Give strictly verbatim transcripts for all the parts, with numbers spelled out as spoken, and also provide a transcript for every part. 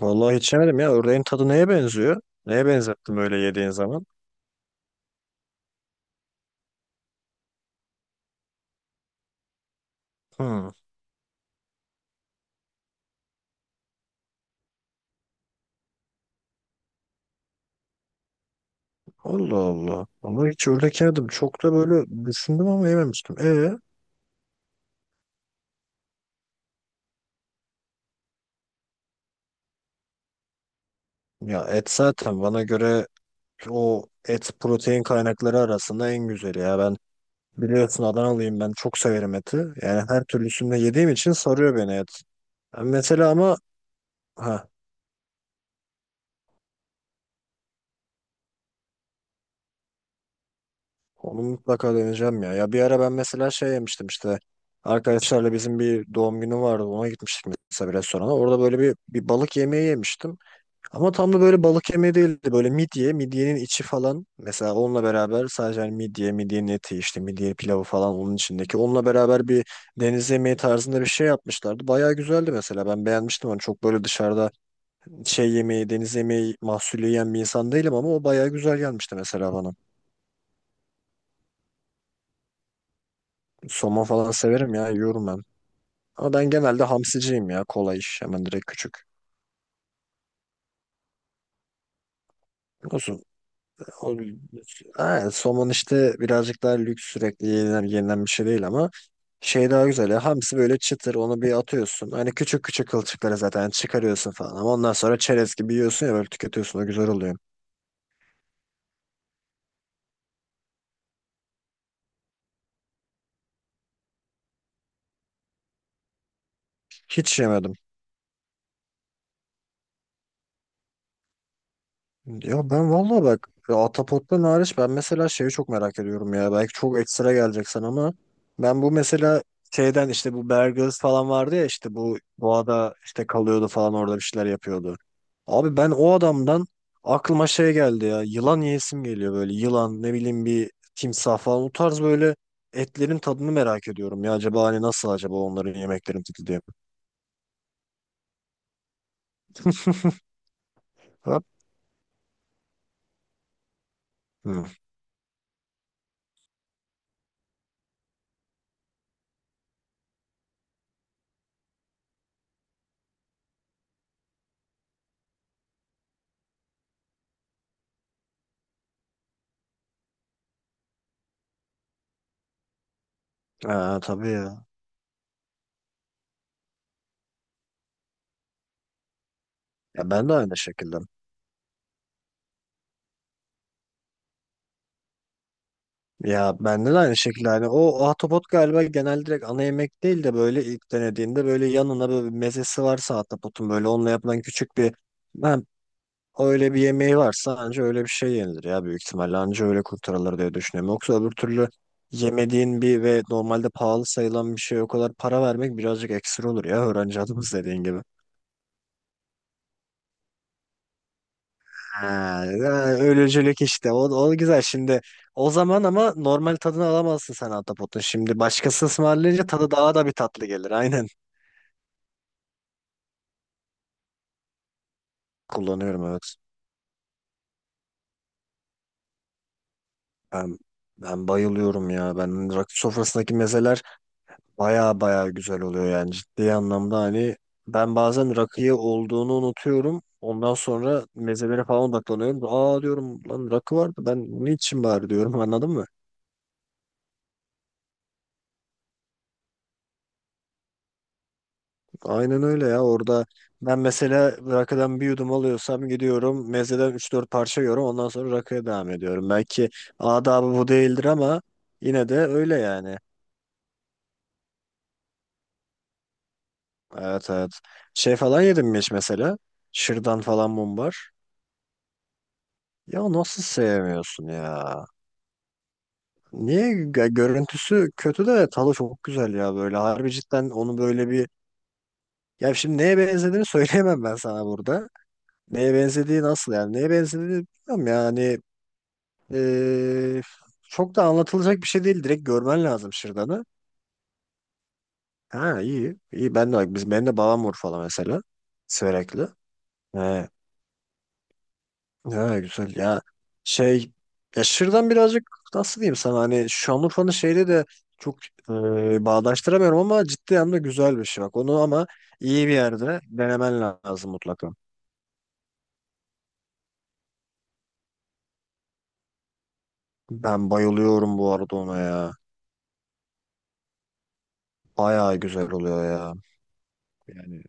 Vallahi hiç yemedim ya. Ördeğin tadı neye benziyor? Neye benzettim öyle yediğin zaman? Hmm. Allah Allah. Ama hiç ördek yemedim. Çok da böyle düşündüm ama yememiştim. E ya et zaten bana göre o et protein kaynakları arasında en güzeli ya. Ben biliyorsun Adanalıyım, ben çok severim eti. Yani her türlüsünde yediğim için sarıyor beni et. Ben mesela ama, ha, onu mutlaka deneyeceğim ya. Ya bir ara ben mesela şey yemiştim işte. Arkadaşlarla bizim bir doğum günü vardı. Ona gitmiştik mesela bir restorana. Orada böyle bir, bir balık yemeği yemiştim. Ama tam da böyle balık yemeği değildi. Böyle midye, midyenin içi falan. Mesela onunla beraber sadece hani midye, midyenin eti işte midye pilavı falan onun içindeki. Onunla beraber bir deniz yemeği tarzında bir şey yapmışlardı. Bayağı güzeldi mesela. Ben beğenmiştim onu. Çok böyle dışarıda şey yemeği, deniz yemeği mahsulü yiyen bir insan değilim ama o bayağı güzel gelmişti mesela bana. Somon falan severim ya. Yiyorum ben. Ama ben genelde hamsiciyim ya. Kolay iş. Hemen direkt küçük. Olsun. O, ha, somon işte birazcık daha lüks, sürekli yenilen, yenilen bir şey değil ama şey daha güzel ya. Hamsi böyle çıtır, onu bir atıyorsun. Hani küçük küçük kılçıkları zaten çıkarıyorsun falan. Ama ondan sonra çerez gibi yiyorsun ya, böyle tüketiyorsun. O güzel oluyor. Hiç yemedim. Ya ben valla bak ya, Atapot'tan hariç ben mesela şeyi çok merak ediyorum ya. Belki çok ekstra geleceksin ama ben bu mesela şeyden, işte bu Bear Grylls falan vardı ya, işte bu doğada işte kalıyordu falan, orada bir şeyler yapıyordu. Abi ben o adamdan aklıma şey geldi ya. Yılan yiyesim geliyor böyle. Yılan, ne bileyim, bir timsah falan, o tarz böyle etlerin tadını merak ediyorum ya. Acaba hani nasıl acaba onların yemeklerin tadı diye. Hop. Hı. Aa, tabii ya. Ya ben de aynı şekilde. Ya bende de aynı şekilde, hani o ahtapot galiba genel direkt ana yemek değil de böyle ilk denediğinde böyle yanına böyle bir mezesi varsa, ahtapotun böyle onunla yapılan küçük bir, ben öyle bir yemeği varsa anca öyle bir şey yenilir ya, büyük ihtimalle anca öyle kurtarılır diye düşünüyorum. Yoksa öbür türlü yemediğin bir ve normalde pahalı sayılan bir şeye o kadar para vermek birazcık ekstra olur ya, öğrenci adımız dediğin gibi. Ha, yani ölücülük işte. O, o güzel. Şimdi o zaman ama normal tadını alamazsın sen Ahtapot'un. Şimdi başkası ısmarlayınca tadı daha da bir tatlı gelir. Aynen. Kullanıyorum, evet. Ben, ben bayılıyorum ya. Ben rakı sofrasındaki mezeler baya baya güzel oluyor yani. Ciddi anlamda hani ben bazen rakıya olduğunu unutuyorum. Ondan sonra mezelere falan odaklanıyorum. Aa diyorum, lan rakı vardı, ben bunu içeyim bari diyorum anladın mı? Aynen öyle ya, orada ben mesela rakadan bir yudum alıyorsam gidiyorum mezeden üç dört parça yiyorum, ondan sonra rakıya devam ediyorum. Belki adabı bu değildir ama yine de öyle yani. Evet, evet. Şey falan yedim mi hiç mesela? Şırdan falan, mumbar. Ya nasıl sevmiyorsun ya? Niye? Gö- görüntüsü kötü de tadı çok güzel ya böyle. Harbi cidden onu böyle bir... Ya şimdi neye benzediğini söyleyemem ben sana burada. Neye benzediği nasıl yani? Neye benzediğini bilmiyorum yani. Ee, Çok da anlatılacak bir şey değil. Direkt görmen lazım Şırdan'ı. Ha, iyi. İyi, ben de bak biz, ben de babam vur falan mesela. Sürekli. He. Ha, güzel ya. Şey, ya Şırdan birazcık, nasıl diyeyim sana, hani Şanlıurfa'nın şeyle de çok e, bağdaştıramıyorum ama ciddi anlamda güzel bir şey bak. Onu ama iyi bir yerde denemen lazım mutlaka. Ben bayılıyorum bu arada ona ya. Bayağı güzel oluyor ya. Yani,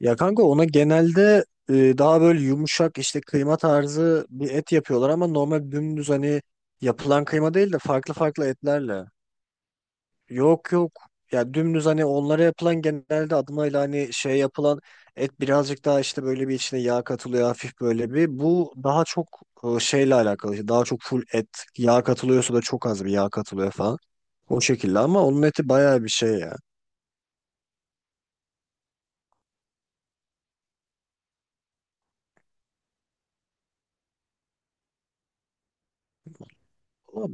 ya kanka ona genelde e, daha böyle yumuşak işte kıyma tarzı bir et yapıyorlar ama normal dümdüz, hani yapılan kıyma değil de farklı farklı etlerle. Yok yok ya, dümdüz hani onlara yapılan genelde adımıyla hani şey yapılan et birazcık daha işte böyle, bir içine yağ katılıyor hafif böyle bir. Bu daha çok e, şeyle alakalı, işte daha çok full et, yağ katılıyorsa da çok az bir yağ katılıyor falan. O şekilde, ama onun eti bayağı bir şey ya.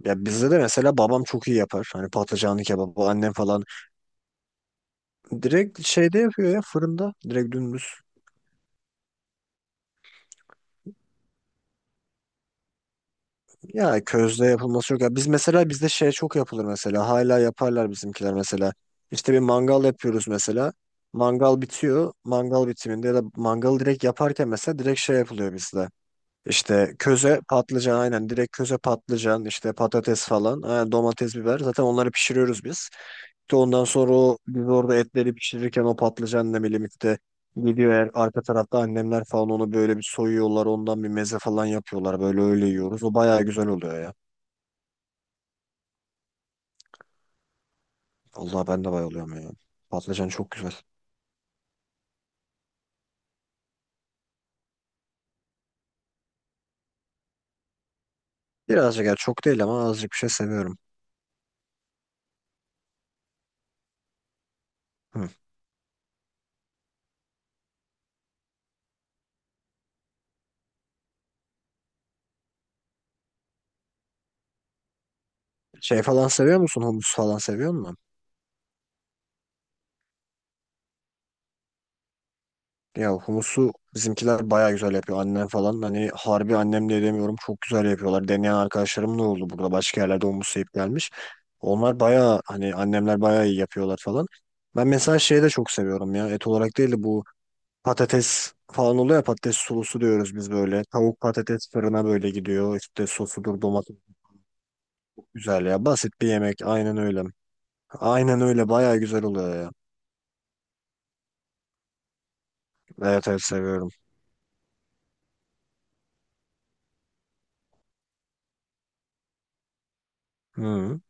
Ya bizde de mesela babam çok iyi yapar. Hani patlıcanlı kebabı annem falan direkt şeyde yapıyor ya, fırında. Direkt dümdüz. Ya közde yapılması yok. Ya biz mesela bizde şey çok yapılır mesela. Hala yaparlar bizimkiler mesela. İşte bir mangal yapıyoruz mesela. Mangal bitiyor. Mangal bitiminde ya da mangalı direkt yaparken mesela direkt şey yapılıyor bizde. İşte köze patlıcan, aynen, direkt köze patlıcan işte patates falan, aynen domates, biber, zaten onları pişiriyoruz biz. De ondan sonra o biz orada etleri pişirirken o patlıcanla birlikte gidiyor, eğer arka tarafta annemler falan onu böyle bir soyuyorlar, ondan bir meze falan yapıyorlar böyle, öyle yiyoruz. O bayağı güzel oluyor ya. Allah, ben de bayılıyorum ya. Patlıcan çok güzel. Birazcık ya, çok değil ama azıcık bir şey seviyorum. Hı. Şey falan seviyor musun? Humus falan seviyor musun? Ya humusu bizimkiler baya güzel yapıyor. Annem falan, hani harbi annemle demiyorum, çok güzel yapıyorlar. Deneyen arkadaşlarım da oldu, burada başka yerlerde humus yiyip gelmiş. Onlar baya, hani annemler baya iyi yapıyorlar falan. Ben mesela şeyi de çok seviyorum ya, et olarak değil de bu patates falan oluyor ya, patates sulusu diyoruz biz böyle. Tavuk patates fırına böyle gidiyor, işte sosudur domates, güzel ya, basit bir yemek, aynen öyle. Aynen öyle, baya güzel oluyor ya. Evet, evet seviyorum. Hı,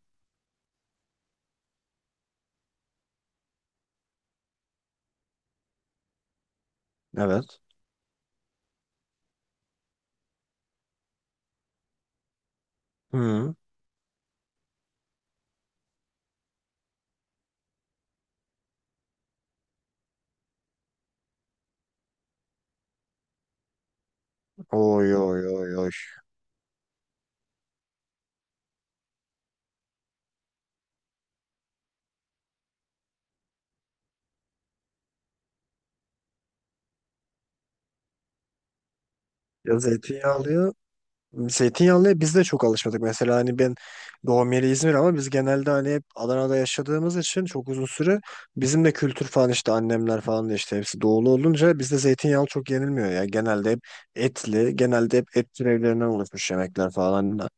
evet. Hı. Oy oy oy oy. Ya zeytinyağlıya zeytinyağlıya biz de çok alışmadık. Mesela hani ben, doğum yeri İzmir ama biz genelde hani hep Adana'da yaşadığımız için çok uzun süre, bizim de kültür falan, işte annemler falan da işte hepsi doğulu olunca bizde zeytinyağlı çok yenilmiyor ya. Genelde hep etli, genelde hep et türevlerinden oluşmuş yemekler falan. Da,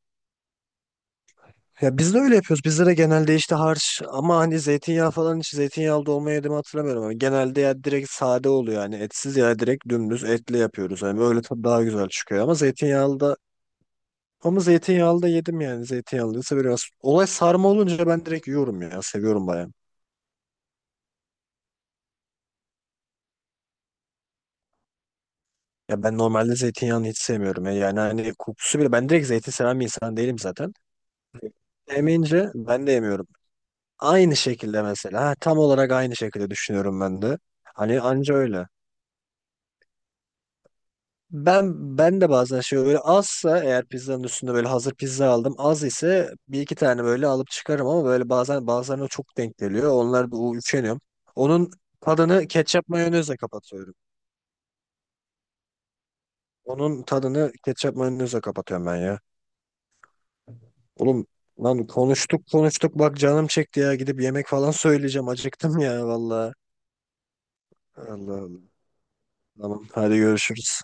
ya biz de öyle yapıyoruz. Bizde de genelde işte harç, ama hani zeytinyağı falan, hiç zeytinyağlı dolma yediğimi hatırlamıyorum. Ama genelde ya direkt sade oluyor, yani etsiz, ya direkt dümdüz etli yapıyoruz. Hani böyle tadı daha güzel çıkıyor ama zeytinyağlı da, ama zeytinyağlı da yedim yani. Zeytinyağlıysa biraz. Olay sarma olunca ben direkt yiyorum ya. Seviyorum bayağı. Ya ben normalde zeytinyağını hiç sevmiyorum ya. Yani hani kokusu bile. Ben direkt zeytin seven bir insan değilim zaten. Yemeyince ben de yemiyorum. Aynı şekilde mesela. Ha, tam olarak aynı şekilde düşünüyorum ben de. Hani anca öyle. Ben ben de bazen şey, böyle azsa eğer pizzanın üstünde böyle, hazır pizza aldım, az ise bir iki tane böyle alıp çıkarım ama böyle bazen bazılarına çok denk geliyor. Onlar bu, üşeniyorum. Onun tadını ketçap mayonezle kapatıyorum. Onun tadını ketçap mayonezle kapatıyorum ben ya. Oğlum, lan konuştuk konuştuk bak, canım çekti ya, gidip yemek falan söyleyeceğim, acıktım ya valla. Allah Allah. Tamam, hadi görüşürüz.